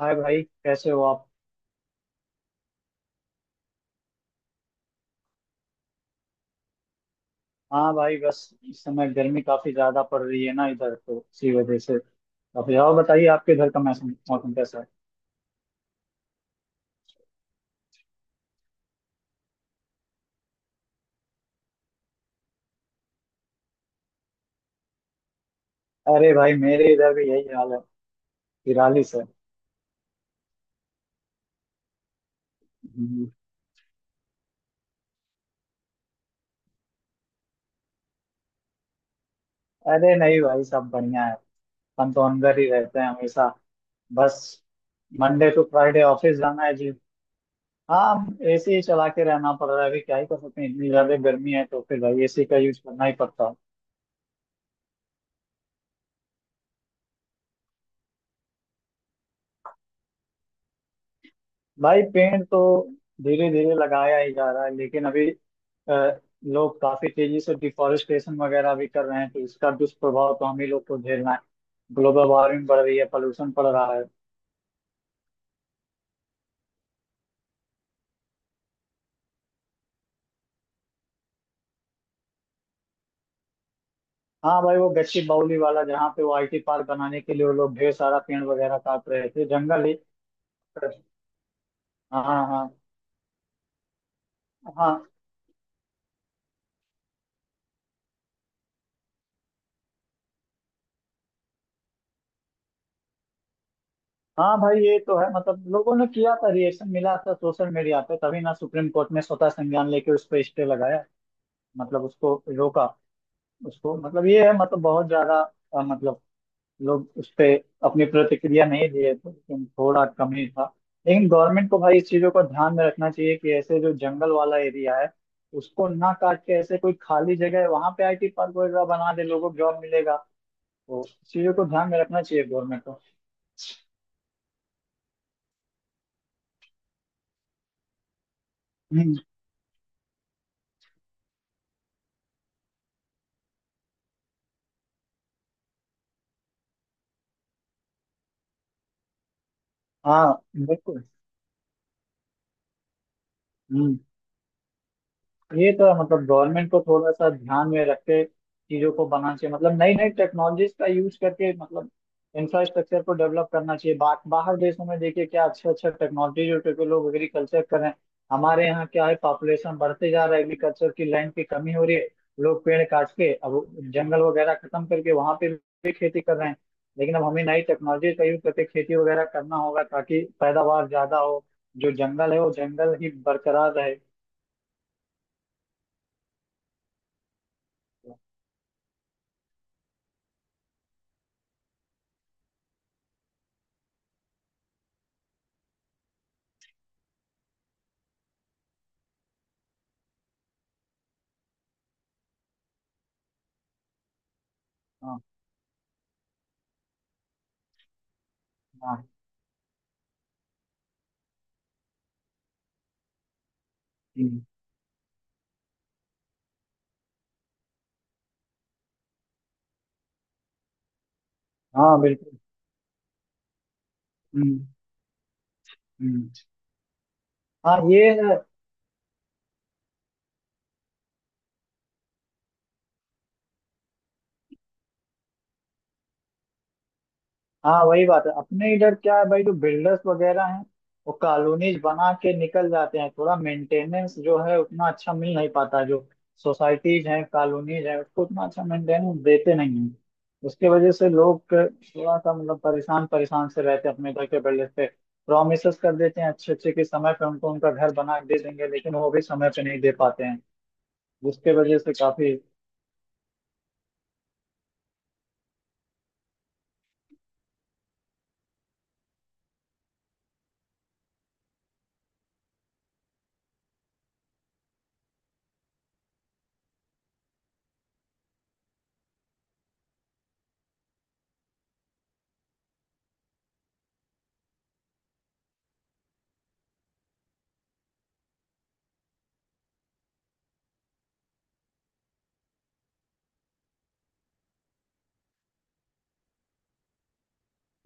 हाय भाई, कैसे हो आप? हाँ भाई, बस। इस समय गर्मी काफी ज्यादा पड़ रही है ना इधर, तो इसी वजह से काफी। और बताइए, आपके इधर का मौसम मौसम कैसा है? अरे भाई, मेरे इधर भी यही हाल है। 43 है। हम्म। अरे नहीं भाई, सब बढ़िया है। हम तो अंदर ही रहते हैं हमेशा। बस, मंडे टू फ्राइडे ऑफिस जाना है जी। हाँ, एसी ही चला के रहना पड़ रहा है। अभी क्या ही कर सकते हैं, इतनी ज्यादा गर्मी है तो फिर भाई एसी का यूज करना ही पड़ता है। भाई पेड़ तो धीरे धीरे लगाया ही जा रहा है, लेकिन अभी अ, लोग काफी तेजी से डिफॉरेस्टेशन वगैरह भी कर रहे हैं, तो इसका दुष्प्रभाव तो हम ही लोग को झेलना है। ग्लोबल वार्मिंग बढ़ रही है, पोल्यूशन बढ़ रहा है। हाँ भाई, वो गच्ची बाउली वाला जहाँ पे वो आईटी पार्क बनाने के लिए वो लोग ढेर सारा पेड़ वगैरह काट रहे थे, जंगल ही। हाँ हाँ। हाँ। हाँ भाई ये तो है, मतलब लोगों ने किया था, रिएक्शन मिला था सोशल मीडिया पे, तभी ना सुप्रीम कोर्ट ने स्वतः संज्ञान लेके उस पर स्टे लगाया, मतलब उसको रोका। उसको मतलब ये है, मतलब बहुत ज्यादा मतलब लोग उस पे अपनी प्रतिक्रिया नहीं दिए थे, लेकिन थोड़ा कम ही था। लेकिन गवर्नमेंट को भाई इस चीजों को ध्यान में रखना चाहिए कि ऐसे जो जंगल वाला एरिया है उसको ना काट के, ऐसे कोई खाली जगह है वहां पे आईटी पार्क वगैरह बना दे, लोगों को जॉब मिलेगा। तो इस चीजों को ध्यान में रखना चाहिए गवर्नमेंट को। हम्म। हाँ बिल्कुल। हम्म। ये तो है, मतलब गवर्नमेंट को थोड़ा सा ध्यान में रख के चीजों को बनाना चाहिए, मतलब नई नई टेक्नोलॉजीज का यूज करके, मतलब इंफ्रास्ट्रक्चर को डेवलप करना चाहिए। बाहर देशों में देखिए क्या अच्छा अच्छा टेक्नोलॉजी जो टेके लोग एग्रीकल्चर कर रहे हैं। हमारे यहाँ क्या है, पॉपुलेशन बढ़ते जा रहा है, एग्रीकल्चर की लैंड की कमी हो रही है। लोग पेड़ काट के अब जंगल वगैरह खत्म करके वहां पे भी खेती कर रहे हैं। लेकिन अब हमें नई टेक्नोलॉजी का यूज करके खेती वगैरह करना होगा, ताकि पैदावार ज्यादा हो, जो जंगल है वो जंगल ही बरकरार रहे। हाँ। हाँ। हम्म, हाँ बिल्कुल। हम्म। हम्म। हाँ ये है। हाँ वही बात है, अपने इधर क्या है भाई, जो बिल्डर्स वगैरह हैं वो कॉलोनीज बना के निकल जाते हैं, थोड़ा मेंटेनेंस जो है उतना अच्छा मिल नहीं पाता। जो सोसाइटीज हैं, कॉलोनीज हैं, उसको उतना अच्छा मेंटेनेंस देते नहीं हैं। उसके वजह से लोग थोड़ा सा, मतलब परेशान परेशान से रहते हैं अपने इधर के बिल्डर्स पे। प्रोमिसेस कर देते हैं अच्छे अच्छे के, समय पे उनको उनका घर बना के दे देंगे, लेकिन वो भी समय पे नहीं दे पाते हैं। जिसके वजह से काफी।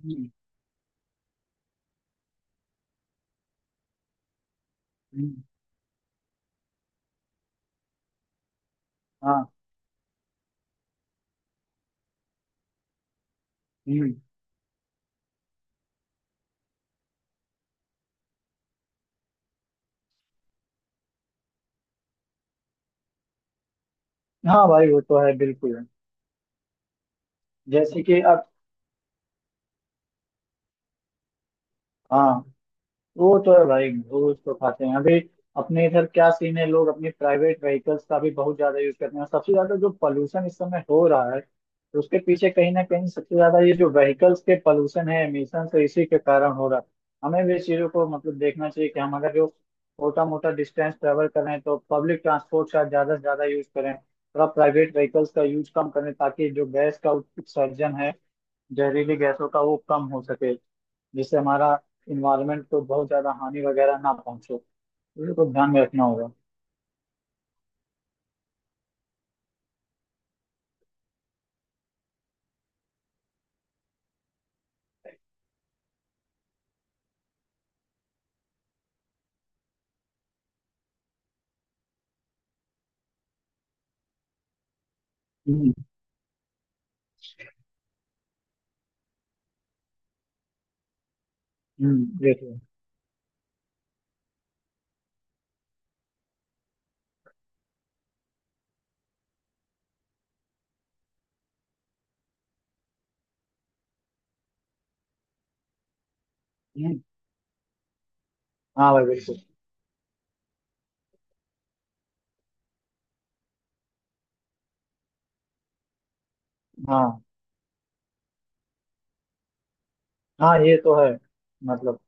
हम्म, हम्म, हाँ। हम्म। हाँ भाई, वो तो है बिल्कुल। जैसे कि अब। हाँ वो तो है भाई, घूस तो खाते हैं अभी। अपने इधर क्या सीन है, लोग अपने प्राइवेट व्हीकल्स का भी बहुत ज्यादा यूज करते हैं। सबसे ज्यादा जो पोल्यूशन इस समय हो रहा है, तो उसके पीछे कहीं ना कहीं सबसे ज्यादा ये जो व्हीकल्स के पोल्यूशन है, एमिशन है, इसी के कारण हो रहा है। हमें भी इस चीजों को, मतलब देखना चाहिए कि हम अगर जो छोटा मोटा डिस्टेंस ट्रेवल कर रहे हैं, तो पब्लिक ट्रांसपोर्ट का ज्यादा से ज्यादा यूज करें, थोड़ा प्राइवेट व्हीकल्स का यूज कम करें, ताकि जो गैस का उत्सर्जन है, जहरीली गैसों का, वो कम हो सके, जिससे हमारा इन्वायरमेंट को बहुत ज्यादा हानि वगैरह ना पहुंचे। ये तो ध्यान में रखना होगा। हम्म। देखिए। हम्म। हाँ भाई बिल्कुल। हाँ। हाँ ये तो है, मतलब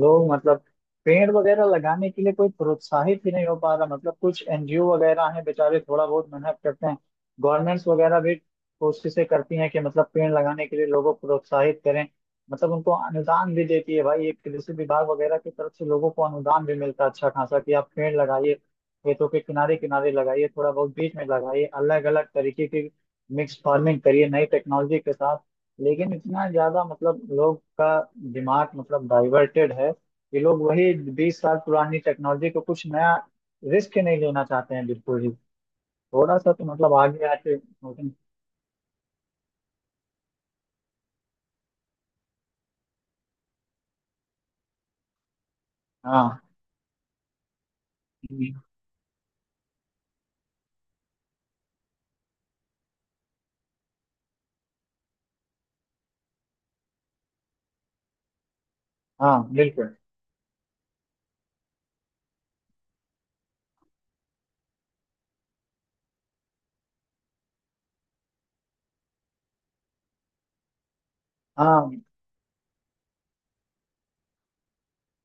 लोग, मतलब पेड़ वगैरह लगाने के लिए कोई प्रोत्साहित ही नहीं हो पा रहा, मतलब कुछ एनजीओ वगैरह हैं बेचारे, थोड़ा बहुत मेहनत करते हैं। गवर्नमेंट्स वगैरह भी कोशिशें करती हैं कि मतलब पेड़ लगाने के लिए लोगों को प्रोत्साहित करें, मतलब उनको अनुदान भी देती है भाई। एक कृषि विभाग वगैरह की तरफ से लोगों को अनुदान भी मिलता है अच्छा खासा, कि आप पेड़ लगाइए, खेतों के किनारे किनारे लगाइए, थोड़ा बहुत बीच में लगाइए, अलग अलग तरीके की मिक्स फार्मिंग करिए नई टेक्नोलॉजी के साथ। लेकिन इतना ज्यादा, मतलब लोग का दिमाग, मतलब डाइवर्टेड है कि लोग वही 20 साल पुरानी टेक्नोलॉजी को, कुछ नया रिस्क नहीं लेना चाहते हैं बिल्कुल ही। थोड़ा सा तो मतलब आगे आके सोचें। हाँ। हम्म, हाँ बिल्कुल। हाँ।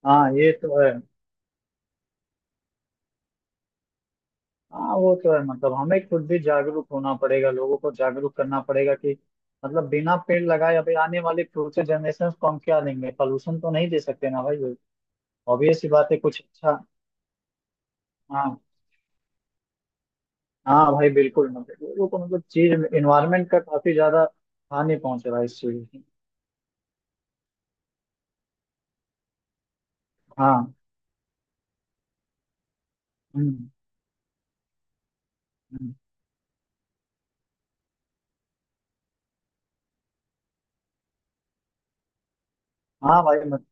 हाँ ये तो है। हाँ वो तो है, मतलब हमें खुद भी जागरूक होना पड़ेगा, लोगों को जागरूक करना पड़ेगा कि मतलब बिना पेड़ लगाए अभी आने वाले फ्यूचर जनरेशन को हम क्या देंगे? पॉल्यूशन तो नहीं दे सकते ना भाई। ऑब्वियस सी बात है, कुछ अच्छा। हाँ। हाँ भाई बिल्कुल, मतलब लोगों को, मतलब चीज, इन्वायरमेंट का काफी ज्यादा हानि पहुंच रहा है इस चीज की। हाँ। हम्म। हम्म। हाँ भाई मत।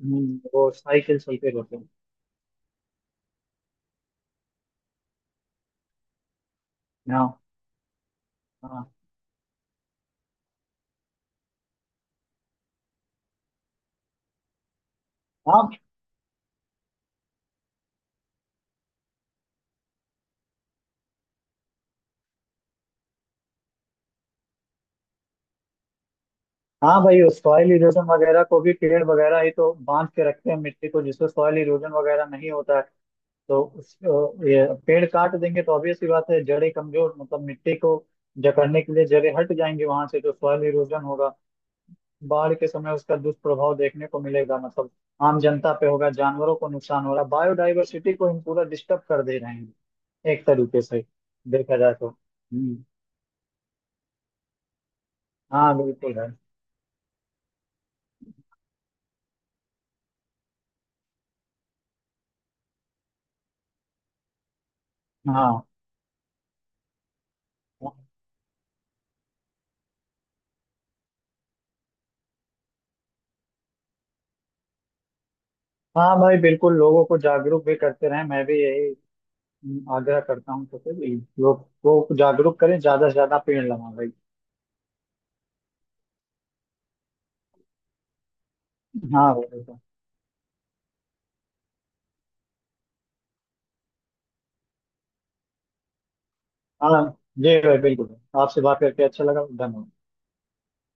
वो साइकिल चलते रहते हैं। हाँ। हाँ। हाँ। हाँ भाई, सॉइल इरोजन वगैरह को भी पेड़ वगैरह ही तो बांध के रखते हैं मिट्टी को, जिससे सॉइल इरोजन वगैरह नहीं होता है। तो उस ये पेड़ काट देंगे तो ऑब्वियस सी बात है, जड़ें कमजोर, मतलब मिट्टी को जकड़ने के लिए जड़ें हट जाएंगी वहां से, तो सॉइल इरोजन होगा। बाढ़ के समय उसका दुष्प्रभाव देखने को मिलेगा, मतलब आम जनता पे होगा। जानवरों को नुकसान हो रहा है, बायोडाइवर्सिटी को हम पूरा डिस्टर्ब कर दे रहे हैं एक तरीके से देखा जाए तो। हम्म। हाँ बिल्कुल है। हाँ। हाँ भाई बिल्कुल, लोगों को जागरूक भी करते रहें, मैं भी यही आग्रह करता हूँ। तो भी लोग को जागरूक करें, ज्यादा से ज्यादा पेड़ लगाएं भाई। हाँ भाई बिल्कुल। हाँ। जी भाई बिल्कुल, आपसे बात करके अच्छा लगा, धन्यवाद।